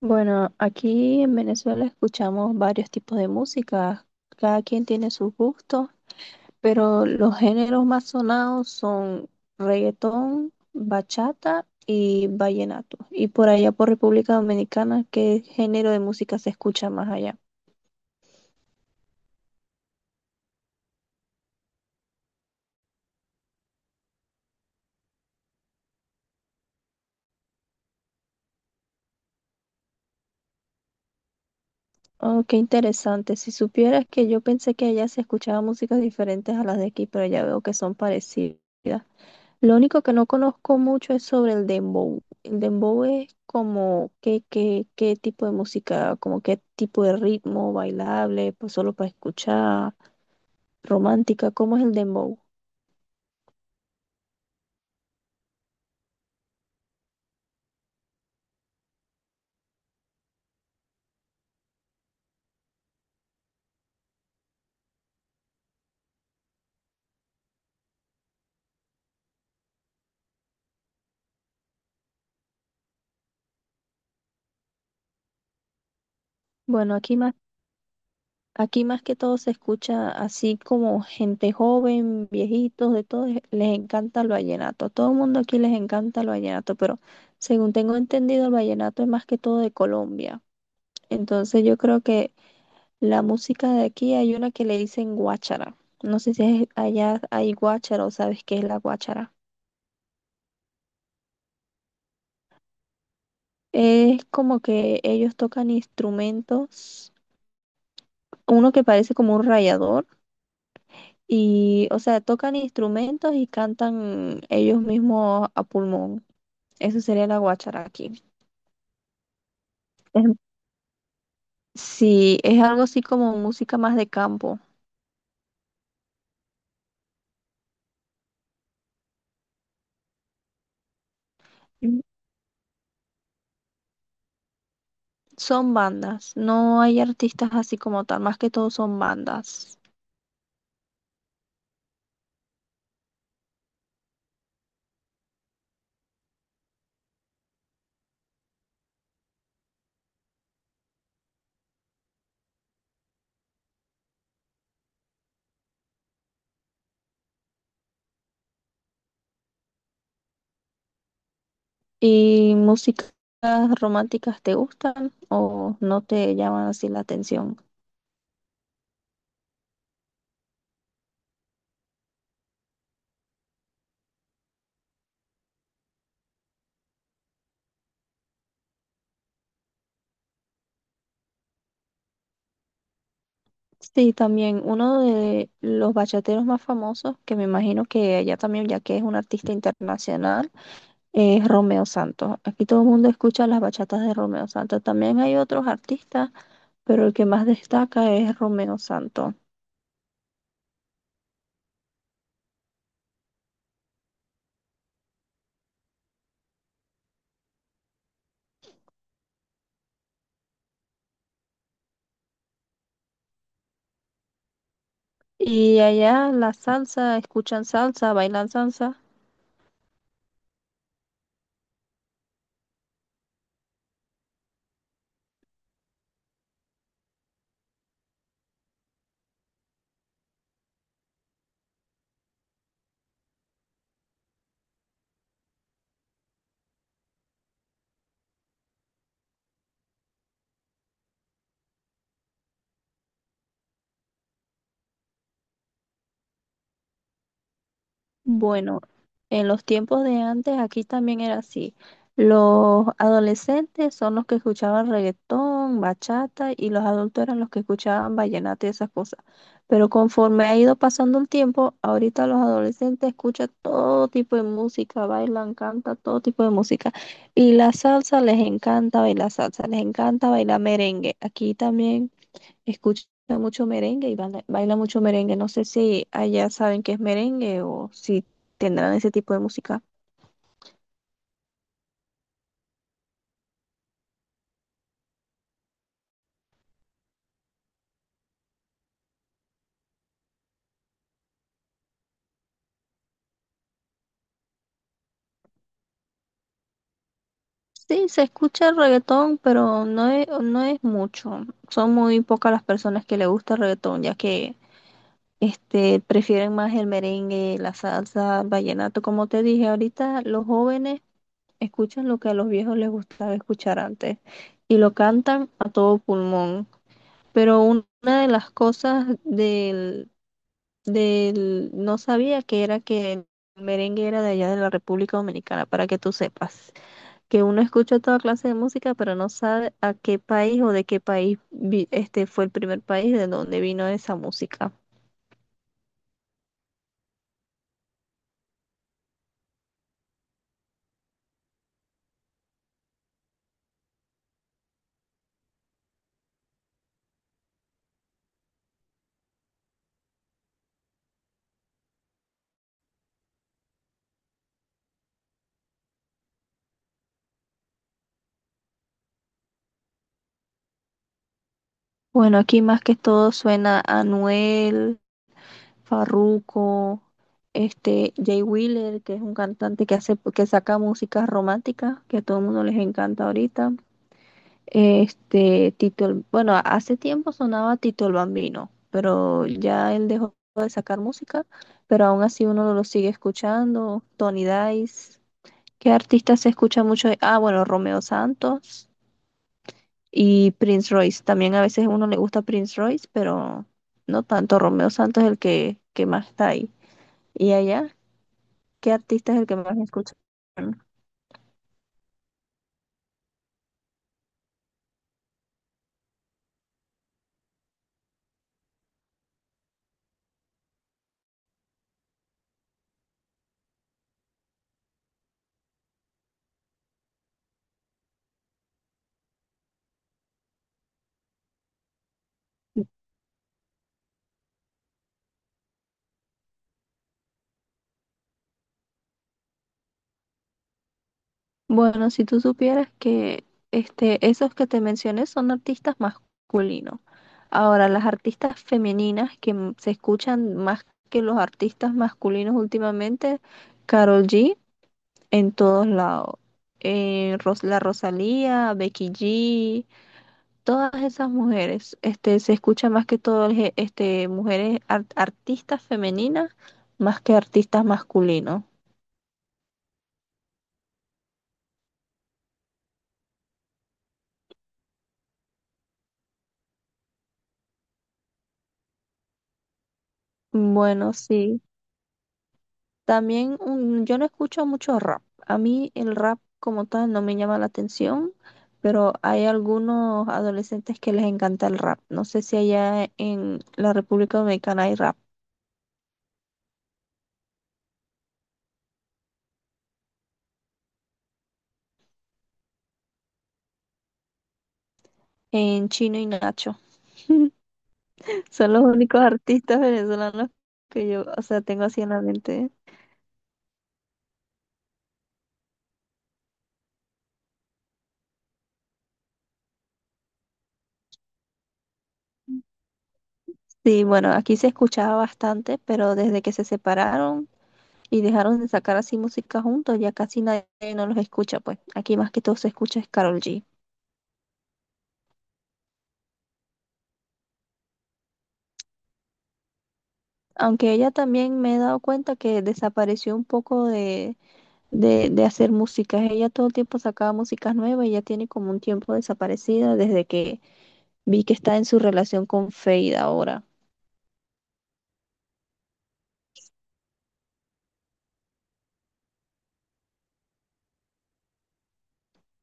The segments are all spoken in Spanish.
Bueno, aquí en Venezuela escuchamos varios tipos de música, cada quien tiene sus gustos, pero los géneros más sonados son reggaetón, bachata y vallenato. Y por allá por República Dominicana, ¿qué género de música se escucha más allá? Oh, qué interesante. Si supieras que yo pensé que allá se escuchaba músicas diferentes a las de aquí, pero ya veo que son parecidas. Lo único que no conozco mucho es sobre el dembow. El dembow es como qué tipo de música, como qué tipo de ritmo, bailable, pues solo para escuchar, romántica, ¿cómo es el dembow? Bueno, aquí más que todo se escucha así como gente joven, viejitos, de todo, les encanta el vallenato. A todo el mundo aquí les encanta el vallenato, pero según tengo entendido, el vallenato es más que todo de Colombia. Entonces yo creo que la música de aquí hay una que le dicen guáchara. No sé si allá hay guáchara o sabes qué es la guáchara. Es como que ellos tocan instrumentos, uno que parece como un rayador, y, o sea, tocan instrumentos y cantan ellos mismos a pulmón. Eso sería la guáchara aquí. Em, Sí, es algo así como música más de campo. Mm. Son bandas, no hay artistas así como tal, más que todo son bandas. ¿Y músicas románticas te gustan o no te llaman así la atención? Sí, también uno de los bachateros más famosos, que me imagino que allá también, ya que es un artista internacional, es Romeo Santos. Aquí todo el mundo escucha las bachatas de Romeo Santos. También hay otros artistas, pero el que más destaca es Romeo Santos. Y allá la salsa, escuchan salsa, bailan salsa. Bueno, en los tiempos de antes aquí también era así. Los adolescentes son los que escuchaban reggaetón, bachata y los adultos eran los que escuchaban vallenato y esas cosas. Pero conforme ha ido pasando el tiempo, ahorita los adolescentes escuchan todo tipo de música, bailan, cantan todo tipo de música. Y la salsa, les encanta bailar salsa, les encanta bailar merengue. Aquí también escucha mucho merengue y baila mucho merengue. No sé si allá saben qué es merengue o si tendrán ese tipo de música. Sí, se escucha el reggaetón, pero no es mucho. Son muy pocas las personas que le gusta el reggaetón, ya que este, prefieren más el merengue, la salsa, el vallenato. Como te dije, ahorita los jóvenes escuchan lo que a los viejos les gustaba escuchar antes y lo cantan a todo pulmón. Pero una de las cosas del, no sabía que era que el merengue era de allá de la República Dominicana, para que tú sepas, que uno escucha toda clase de música, pero no sabe a qué país o de qué país este fue el primer país de donde vino esa música. Bueno, aquí más que todo suena Anuel, Farruko, este Jay Wheeler, que es un cantante que hace que saca música romántica, que a todo el mundo les encanta ahorita. Este, Tito, bueno, hace tiempo sonaba Tito el Bambino, pero ya él dejó de sacar música, pero aún así uno lo sigue escuchando. Tony Dice, ¿qué artistas se escucha mucho? Ah, bueno, Romeo Santos y Prince Royce. También a veces a uno le gusta Prince Royce, pero no tanto. Romeo Santos es el que más está ahí. ¿Y allá? ¿Qué artista es el que más escucha? Bueno, si tú supieras que este, esos que te mencioné son artistas masculinos. Ahora, las artistas femeninas que se escuchan más que los artistas masculinos últimamente, Karol G en todos lados. La Rosalía, Becky G, todas esas mujeres, este, se escucha más que todo el este, mujeres artistas femeninas más que artistas masculinos. Bueno, sí. También yo no escucho mucho rap. A mí el rap como tal no me llama la atención, pero hay algunos adolescentes que les encanta el rap. No sé si allá en la República Dominicana hay rap. En Chino y Nacho. Son los únicos artistas venezolanos que yo, o sea, tengo así en la mente. Sí, bueno, aquí se escuchaba bastante, pero desde que se separaron y dejaron de sacar así música juntos, ya casi nadie no los escucha, pues. Aquí más que todo se escucha es Karol G. Aunque ella también me he dado cuenta que desapareció un poco de hacer músicas. Ella todo el tiempo sacaba músicas nuevas y ya tiene como un tiempo desaparecida desde que vi que está en su relación con Fade ahora.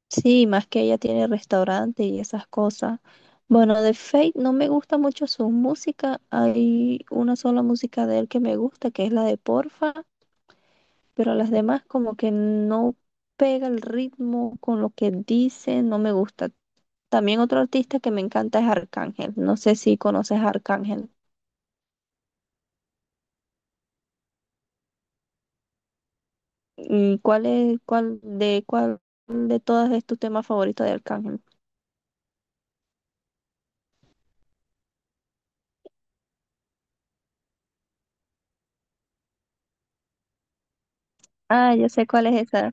Sí, más que ella tiene restaurante y esas cosas. Bueno, de Fade no me gusta mucho su música. Hay una sola música de él que me gusta, que es la de Porfa, pero las demás como que no pega el ritmo con lo que dice, no me gusta. También otro artista que me encanta es Arcángel. No sé si conoces a Arcángel. Mm, ¿cuál es, cuál de todas es tu tema favorito de Arcángel? Ah, yo sé cuál es esa.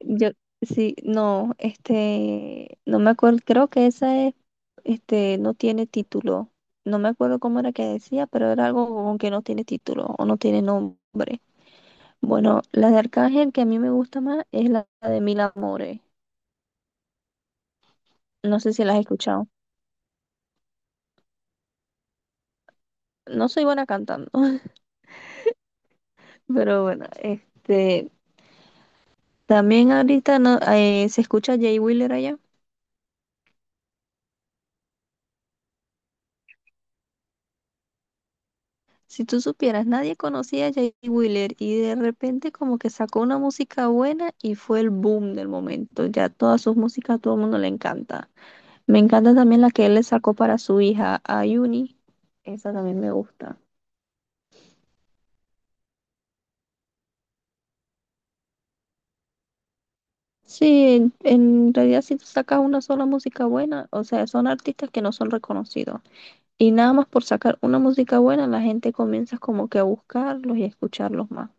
Yo sí, no, este, no me acuerdo, creo que esa es, este, no tiene título. No me acuerdo cómo era que decía, pero era algo como que no tiene título o no tiene nombre. Bueno, la de Arcángel que a mí me gusta más es la de Mil Amores. No sé si la has escuchado. No soy buena cantando. Pero bueno, este, también ahorita no, se escucha a Jay Wheeler allá. Si tú supieras, nadie conocía a Jay Wheeler y de repente como que sacó una música buena y fue el boom del momento. Ya todas sus músicas a todo el mundo le encanta. Me encanta también la que él le sacó para su hija, a Ayuni. Esa también me gusta. Sí, en realidad si tú sacas una sola música buena, o sea, son artistas que no son reconocidos. Y nada más por sacar una música buena, la gente comienza como que a buscarlos y a escucharlos más.